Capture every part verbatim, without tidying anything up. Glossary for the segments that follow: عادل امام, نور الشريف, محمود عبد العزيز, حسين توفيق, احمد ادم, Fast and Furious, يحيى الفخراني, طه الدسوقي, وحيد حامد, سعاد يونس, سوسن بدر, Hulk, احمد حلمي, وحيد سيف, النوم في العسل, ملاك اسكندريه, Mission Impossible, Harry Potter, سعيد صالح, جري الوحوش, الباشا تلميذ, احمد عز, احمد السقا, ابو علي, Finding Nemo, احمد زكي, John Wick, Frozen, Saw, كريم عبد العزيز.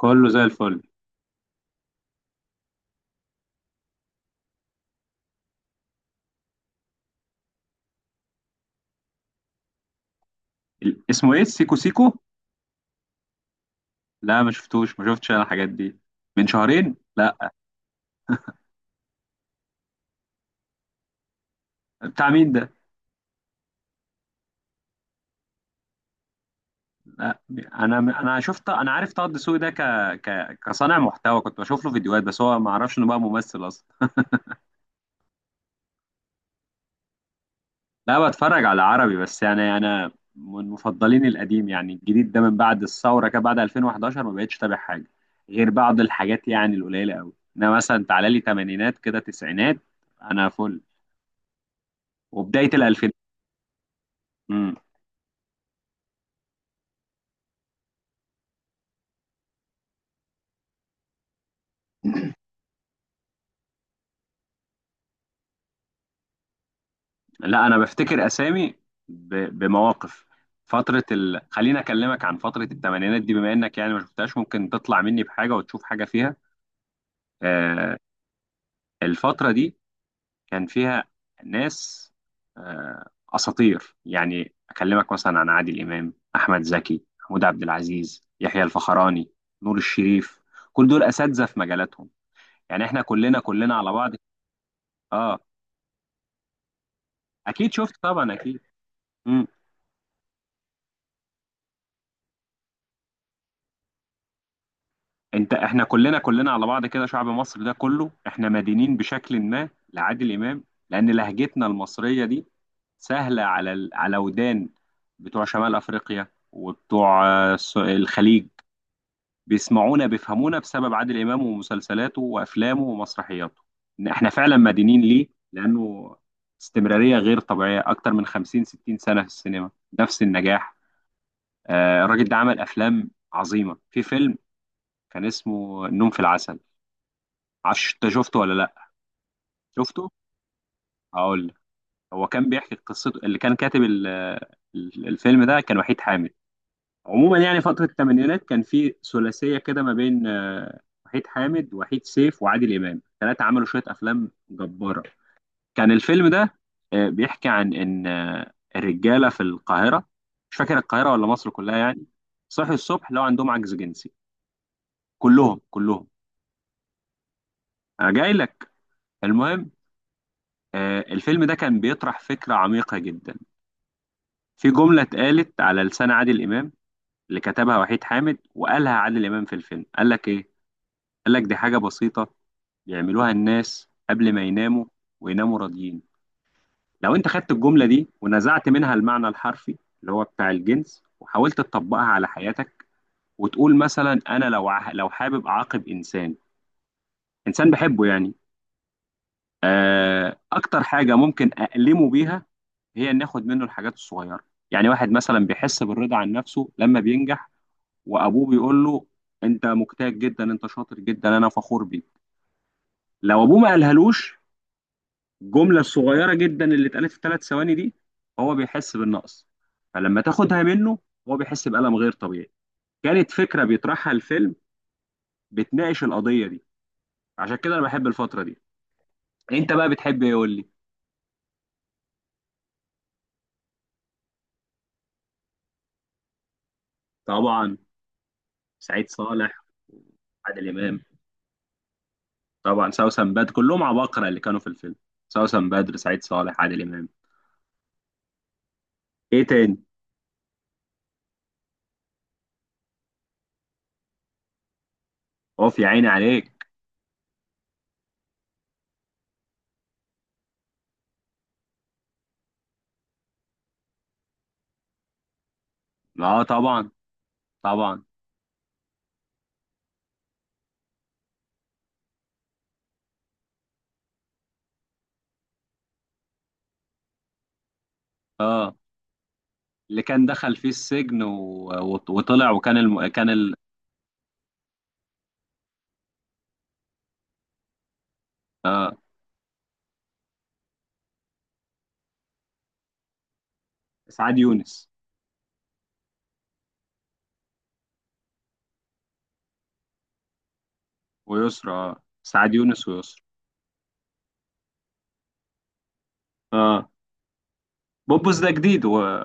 كله زي الفل. ال- اسمه ايه سيكو سيكو؟ لا، ما شفتوش، ما شفتش انا الحاجات دي. من شهرين؟ لا. بتاع مين ده؟ لا، انا انا شفت، انا عارف طه الدسوقي ده ك... ك... كصانع محتوى، كنت بشوف له فيديوهات، بس هو ما اعرفش انه بقى ممثل اصلا. لا، بتفرج على عربي، بس يعني انا من مفضلين القديم، يعني الجديد ده من بعد الثوره كده بعد ألفين وحداشر ما بقتش تابع حاجه غير بعض الحاجات يعني القليله قوي، انا مثلا تعالى لي تمانينات كده تسعينات. انا فل، وبدايه الالفينات. لا انا بفتكر اسامي ب... بمواقف. فتره ال... خليني اكلمك عن فتره الثمانينات دي بما انك يعني ما شفتهاش، ممكن تطلع مني بحاجه وتشوف حاجه فيها. آه الفتره دي كان فيها ناس آه اساطير، يعني اكلمك مثلا عن عادل امام، احمد زكي، محمود عبد العزيز، يحيى الفخراني، نور الشريف. كل دول اساتذه في مجالاتهم، يعني احنا كلنا كلنا على بعض. اه، اكيد شفت طبعا، اكيد. مم. انت احنا كلنا كلنا على بعض كده، شعب مصر ده كله احنا مدينين بشكل ما لعادل امام، لان لهجتنا المصريه دي سهله على ال- على ودان بتوع شمال افريقيا وبتوع آه، الس- الخليج، بيسمعونا بيفهمونا بسبب عادل امام ومسلسلاته وافلامه ومسرحياته. ان احنا فعلا مدينين ليه، لانه استمراريه غير طبيعيه اكتر من خمسين ستين سنه في السينما، نفس النجاح. آه، الراجل ده عمل افلام عظيمه، في فيلم كان اسمه النوم في العسل. عش انت شفته ولا لا؟ شفته، هقول لك. هو كان بيحكي قصته، اللي كان كاتب ال- ال- الفيلم ده كان وحيد حامد. عموما يعني فترة الثمانينات كان في ثلاثية كده ما بين آه، وحيد حامد وحيد سيف وعادل إمام، ثلاثة عملوا شوية أفلام جبارة. كان الفيلم ده آه، بيحكي عن إن آه، الرجالة في القاهرة، مش فاكر القاهرة ولا مصر كلها يعني، صحي الصبح لو عندهم عجز جنسي، كلهم كلهم. أنا جاي لك. المهم آه، الفيلم ده كان بيطرح فكرة عميقة جدا، في جملة اتقالت على لسان عادل إمام، اللي كتبها وحيد حامد وقالها عادل إمام في الفيلم، قال لك إيه؟ قال لك دي حاجة بسيطة بيعملوها الناس قبل ما يناموا، ويناموا راضيين. لو أنت خدت الجملة دي ونزعت منها المعنى الحرفي اللي هو بتاع الجنس، وحاولت تطبقها على حياتك، وتقول مثلا أنا لو ع- لو حابب أعاقب إنسان، إنسان بحبه يعني، آه، أكتر حاجة ممكن أألمه بيها هي إن آخد منه الحاجات الصغيرة. يعني واحد مثلا بيحس بالرضا عن نفسه لما بينجح، وابوه بيقول له انت مجتهد جدا، انت شاطر جدا، انا فخور بيك. لو ابوه ما قالهالوش الجمله الصغيره جدا اللي اتقالت في ثلاث ثواني دي، هو بيحس بالنقص، فلما تاخدها منه هو بيحس بألم غير طبيعي. كانت فكره بيطرحها الفيلم، بتناقش القضيه دي. عشان كده انا بحب الفتره دي. انت بقى بتحب ايه قول لي؟ طبعا. سعيد صالح، عادل امام. طبعا سوسن بدر، كلهم عباقرة اللي كانوا في الفيلم، سوسن بدر سعيد صالح عادل امام. ايه تاني؟ اوف يا عيني عليك. اه طبعا، طبعا. اه، اللي كان دخل فيه السجن و... وط- وطلع، وكان الم... كان ال... آه سعاد يونس ويسرا، آه سعاد يونس ويسرا. اه، بوبوس ده جديد و...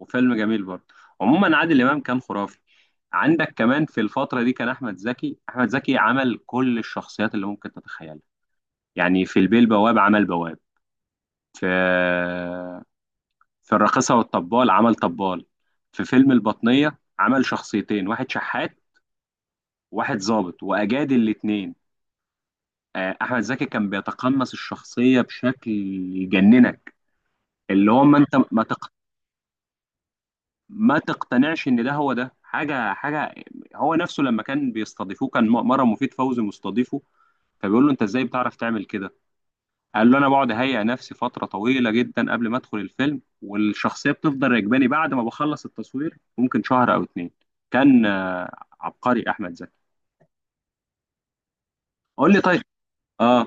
وفيلم جميل برضه. عموما عادل امام كان خرافي. عندك كمان في الفتره دي كان احمد زكي، احمد زكي عمل كل الشخصيات اللي ممكن تتخيلها، يعني في البيه البواب عمل بواب، في في الراقصه والطبال عمل طبال، في فيلم البطنيه عمل شخصيتين، واحد شحات واحد ضابط واجاد الاتنين. آه، احمد زكي كان بيتقمص الشخصيه بشكل يجننك، اللي هو ما انت ما تق... ما تقتنعش ان ده هو، ده حاجه حاجه. هو نفسه لما كان بيستضيفوه، كان م- مره مفيد فوزي مستضيفه، فبيقول له انت ازاي بتعرف تعمل كده؟ قال له انا بقعد اهيئ نفسي فتره طويله جدا قبل ما ادخل الفيلم، والشخصيه بتفضل راكباني بعد ما بخلص التصوير ممكن شهر او اتنين. كان آه، عبقري احمد زكي. قول لي طيب. اه،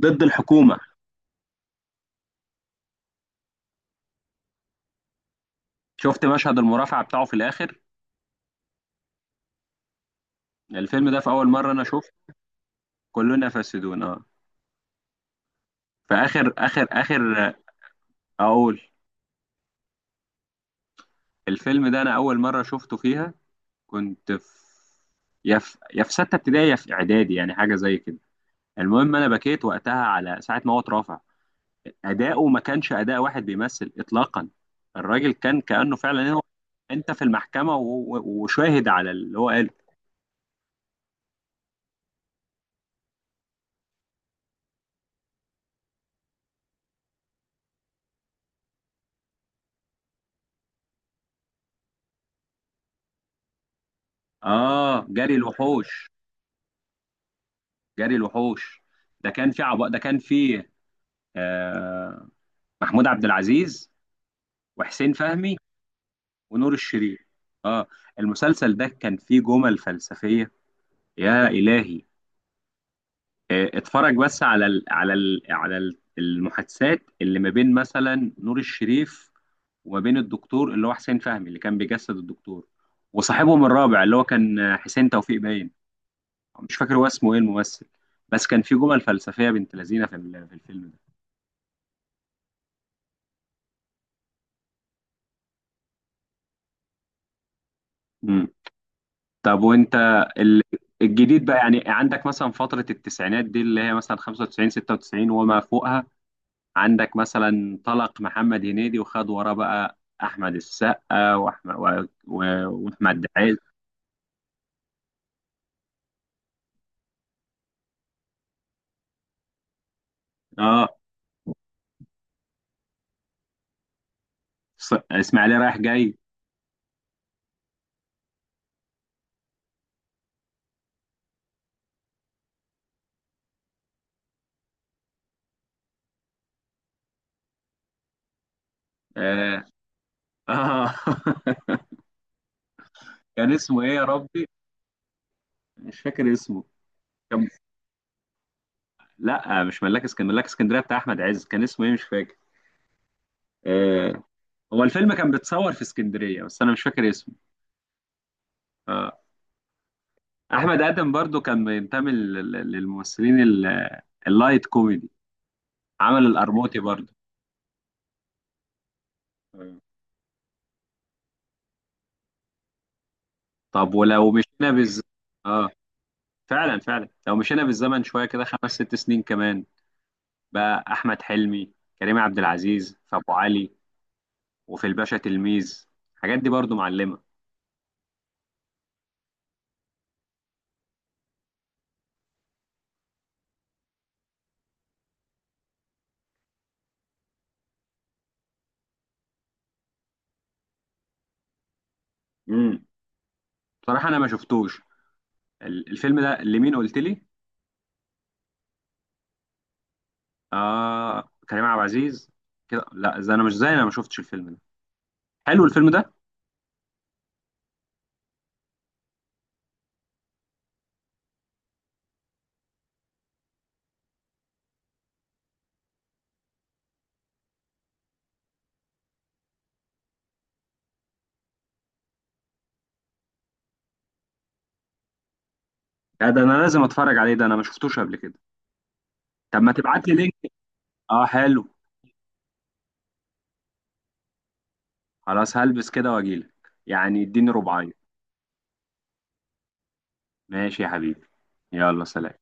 ضد الحكومه. شفت مشهد المرافعه بتاعه في الاخر؟ الفيلم ده في اول مره انا شفته، كلنا فاسدون اه، فاخر اخر اخر. آه، اقول. الفيلم ده انا اول مره شفته فيها كنت في يا في يا في سته ابتدائي، يا في اعدادي، يعني حاجه زي كده. المهم انا بكيت وقتها على ساعه ما هو اترفع، اداؤه ما كانش اداء واحد بيمثل اطلاقا، الراجل كان كانه فعلا هو انت في المحكمه و- و- وشاهد على اللي هو قاله. اه، جري الوحوش. جري الوحوش ده كان في عب... ده كان في آه محمود عبد العزيز وحسين فهمي ونور الشريف. اه، المسلسل ده كان فيه جمل فلسفية يا إلهي. آه، اتفرج بس على ال على ال على ال- المحادثات اللي ما بين مثلا نور الشريف، وما بين الدكتور اللي هو حسين فهمي اللي كان بيجسد الدكتور، وصاحبهم الرابع اللي هو كان آه، حسين توفيق باين، مش فاكر هو اسمه ايه الممثل. بس كان في جمل فلسفية بنت لذينة في ال- في الفيلم ده. مم. طب وانت ال- الجديد بقى، يعني عندك مثلا فترة التسعينات دي اللي هي مثلا خمسه وتسعين سته وتسعين وما فوقها، عندك مثلا طلق محمد هنيدي، وخد وراه بقى احمد السقا واحمد و- و- واحمد عز. اه. ص- اسماعيليه رايح جاي. اه، آه. كان اسمه ايه يا ربي؟ مش فاكر اسمه. كان، لا مش ملاك اسكندريه، ملاك اسكندريه بتاع احمد عز، كان اسمه ايه مش فاكر. آه. هو الفيلم كان بيتصور في اسكندريه، بس انا مش فاكر اسمه. آه. احمد ادم برضو كان بينتمي لل- لل- للممثلين ال- اللايت كوميدي، عمل القرموطي برضو. آه. طب ولو مشينا بالز اه، فعلا فعلا، لو مشينا بالزمن شويه كده خمس ست سنين كمان بقى احمد حلمي، كريم عبد العزيز في ابو علي، وفي الباشا تلميذ، الحاجات دي برضو معلمه. امم. بصراحه انا ما شفتوش، ال- الفيلم ده لمين قلت لي؟ اه كريم عبد العزيز، كده لا، زي انا مش زي انا ما شفتش الفيلم ده. حلو الفيلم ده. لا، ده انا لازم اتفرج عليه، ده انا ما شفتوش قبل كده. طب ما تبعت لي لينك، اه حلو. خلاص هلبس كده واجيلك، يعني اديني ربعين. ماشي يا حبيبي، يلا سلام.